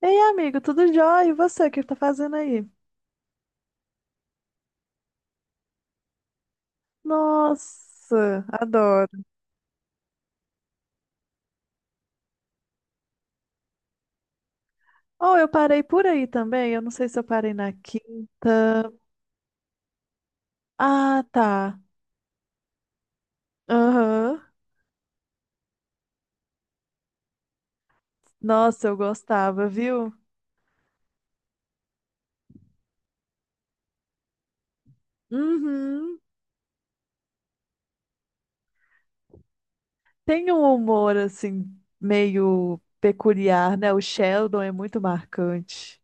Ei, amigo, tudo jóia? E você, o que tá fazendo aí? Nossa, adoro. Oh, eu parei por aí também. Eu não sei se eu parei na quinta. Ah, tá. Aham. Nossa, eu gostava, viu? Uhum. Tem um humor, assim, meio peculiar, né? O Sheldon é muito marcante.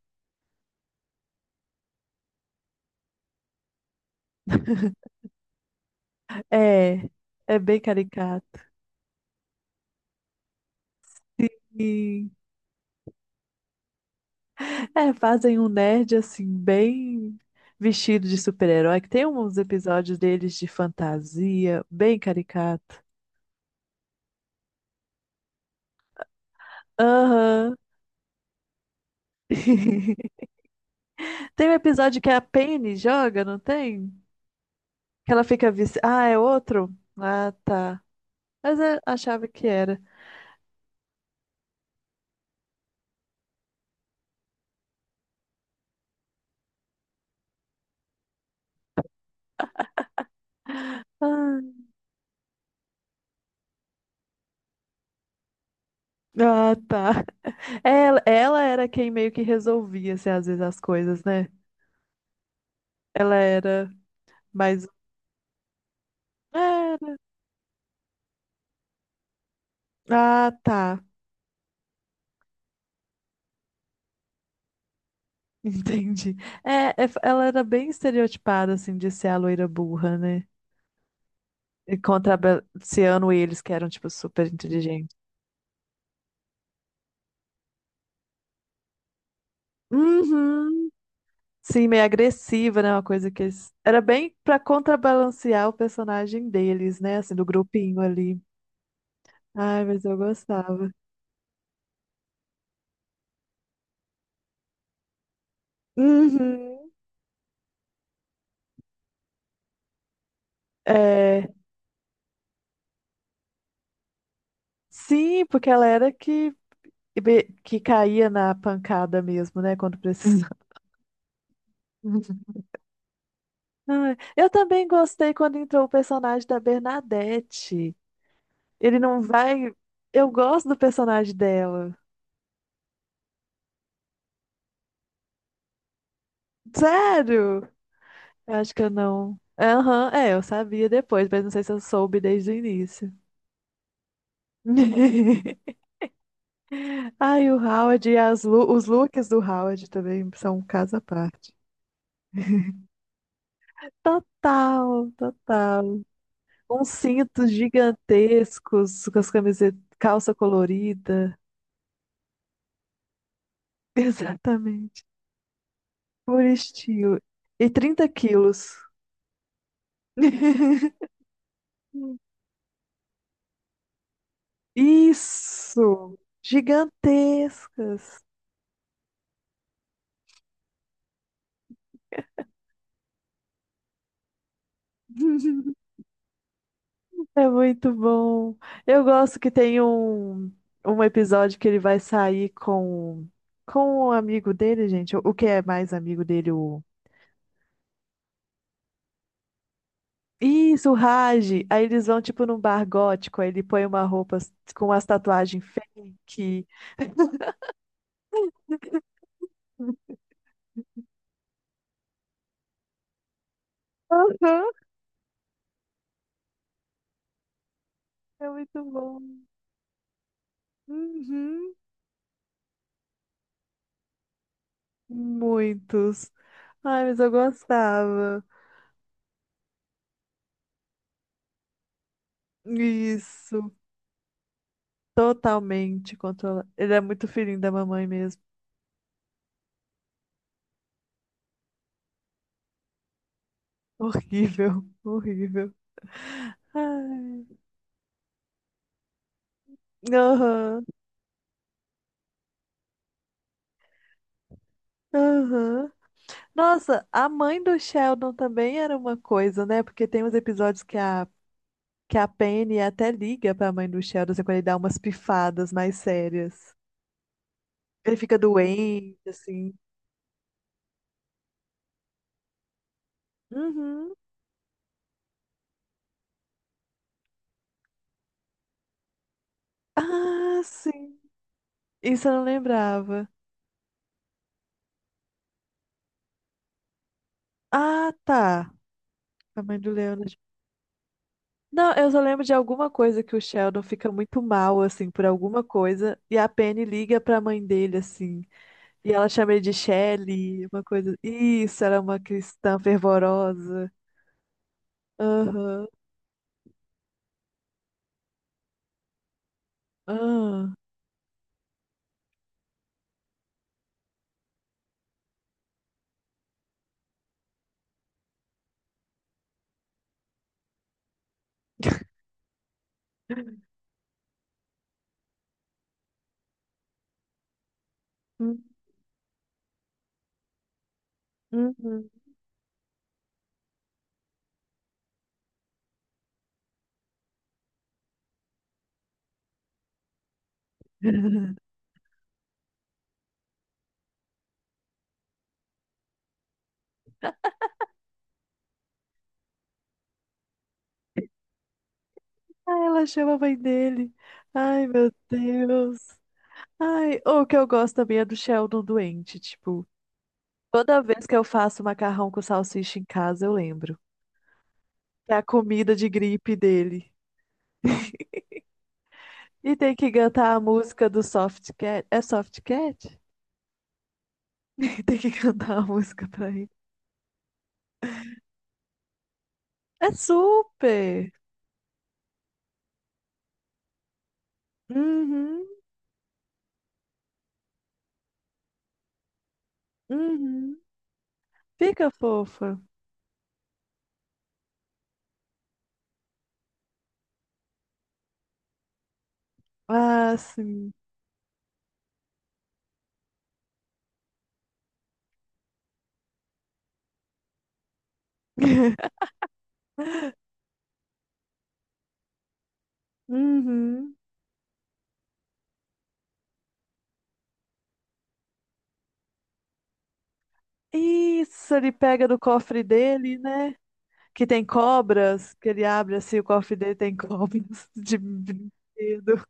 É, é bem caricato. Sim. É, fazem um nerd assim, bem vestido de super-herói, que tem uns episódios deles de fantasia, bem caricato. Aham. Tem um episódio que a Penny joga, não tem? Que ela fica vice. Ah, é outro? Ah, tá. Mas eu achava que era. Ah, ah, tá. Ela era quem meio que resolvia, assim, às vezes as coisas, né? Ela era mais. Era. Ah, tá. Entendi. É, ela era bem estereotipada, assim, de ser a loira burra, né? E contrabalanceando eles, que eram, tipo, super inteligentes. Uhum. Sim, meio agressiva, né? Uma coisa que eles... Era bem pra contrabalancear o personagem deles, né? Assim, do grupinho ali. Ai, mas eu gostava. Uhum. É... Sim, porque ela era que caía na pancada mesmo, né? Quando precisava. Ai, eu também gostei quando entrou o personagem da Bernadette. Ele não vai. Eu gosto do personagem dela. Sério? Eu acho que eu não. Aham, é, eu sabia depois, mas não sei se eu soube desde o início. Ai, o Howard e as os looks do Howard também são um caso à parte. Total, total. Uns cintos gigantescos com as camisetas, calça colorida. Exatamente. Por estilo. E 30 quilos. Isso! Gigantescas! É muito bom. Eu gosto que tem um episódio que ele vai sair com o amigo dele, gente. O que é mais amigo dele? O... Isso, o Raj. Aí eles vão, tipo, num bar gótico. Aí ele põe uma roupa com umas tatuagens fake. Aham, é muito bom. Uhum. Muitos. Ai, mas eu gostava. Isso. Totalmente controlado. Ele é muito filhinho da mamãe mesmo. Horrível, horrível. Ai. Aham, aham. Nossa, a mãe do Sheldon também era uma coisa, né? Porque tem uns episódios que a Penny até liga pra mãe do Sheldon, assim, quando ele dá umas pifadas mais sérias. Ele fica doente, assim. Uhum. Ah, sim. Isso eu não lembrava. Ah, tá. A mãe do Leonard. Não, eu só lembro de alguma coisa que o Sheldon fica muito mal, assim, por alguma coisa, e a Penny liga pra mãe dele, assim, e ela chama ele de Shelley, uma coisa. Isso, ela é uma cristã fervorosa. Aham, ah, hum, uhum. Ah, ela chama a mãe dele. Ai, meu Deus. Ai, o que eu gosto também é do Sheldon doente, tipo, toda vez que eu faço macarrão com salsicha em casa, eu lembro. É a comida de gripe dele. E tem que cantar a música do Soft Cat. É Soft Cat? E tem que cantar a música pra ele. É super! Uhum, uhum. Fica fofa. Ah, sim. Uhum. Isso, ele pega do cofre dele, né? Que tem cobras, que ele abre assim, o cofre dele tem cobras de brinquedo.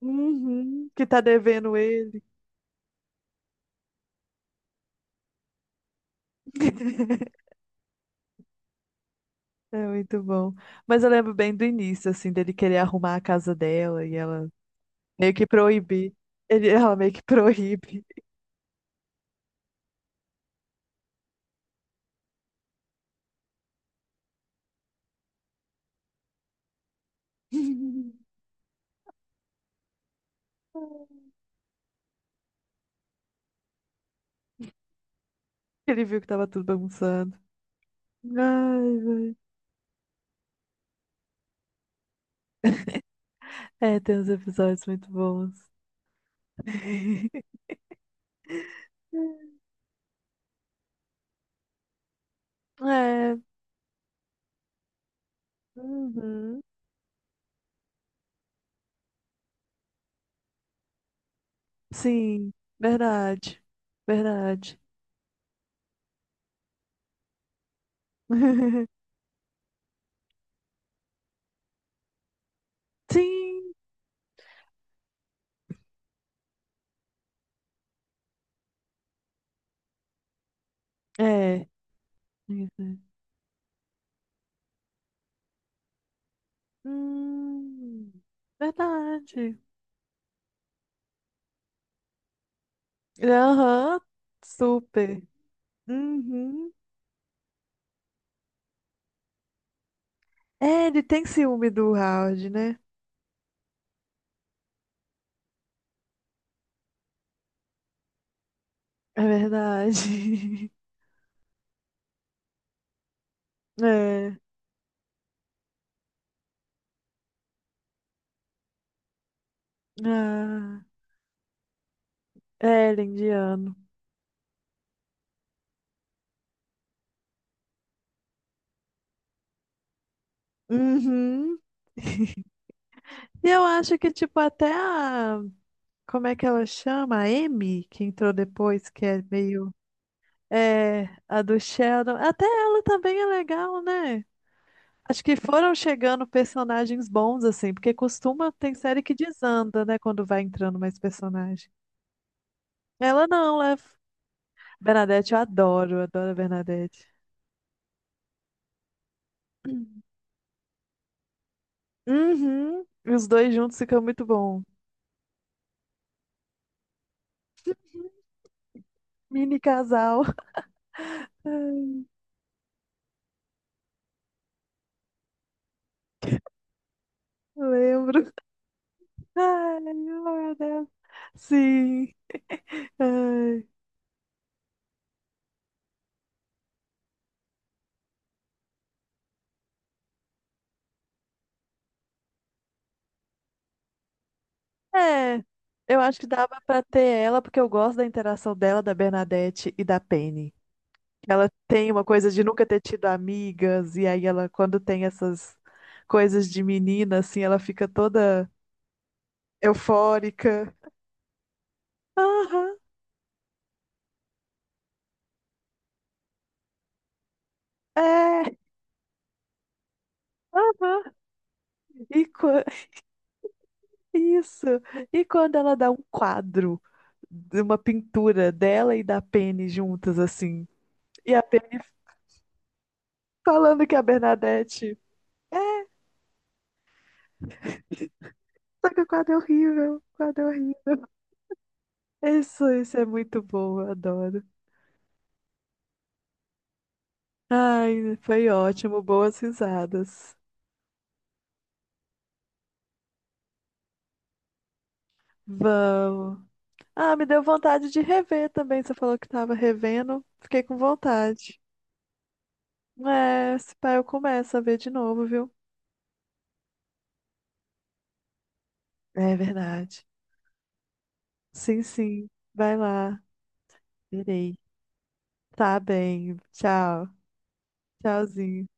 Uhum, que tá devendo ele. É muito bom. Mas eu lembro bem do início, assim, dele querer arrumar a casa dela e ela meio que proibir. Ela meio que proíbe. Ele viu que tava tudo bagunçado. Ai, velho. É, tem uns episódios muito bons. É, uhum. Sim, verdade. Verdade. Sim, é. Isso. Hum, verdade. Aham, super. Uhum. É, ele tem ciúme do Howard, né? É verdade. É. Ah, é, ele é indiano. Uhum. E eu acho que, tipo, até a. Como é que ela chama? A Amy, que entrou depois, que é meio. É, a do Sheldon. Até ela também é legal, né? Acho que foram chegando personagens bons, assim, porque costuma, tem série que desanda, né, quando vai entrando mais personagem. Ela não, ela é Bernadette, eu adoro, adoro a Bernadette. Hum. Uhum. E os dois juntos ficam muito bom. Mini casal. Lembro. Ai, meu Deus. Sim. Ai. É, eu acho que dava pra ter ela, porque eu gosto da interação dela, da Bernadette e da Penny. Ela tem uma coisa de nunca ter tido amigas, e aí ela, quando tem essas coisas de menina, assim, ela fica toda eufórica. Aham, é, aham. E, isso. E quando ela dá um quadro de uma pintura dela e da Penny juntas, assim. E a Penny falando que é a Bernadette. Só que o quadro é horrível. O quadro é horrível. Isso é muito bom, eu adoro. Ai, foi ótimo, boas risadas. Vamos. Ah, me deu vontade de rever também. Você falou que tava revendo. Fiquei com vontade. É, se pá, eu começo a ver de novo, viu? É verdade. Sim, sim. Vai lá. Verei. Tá bem. Tchau. Tchauzinho.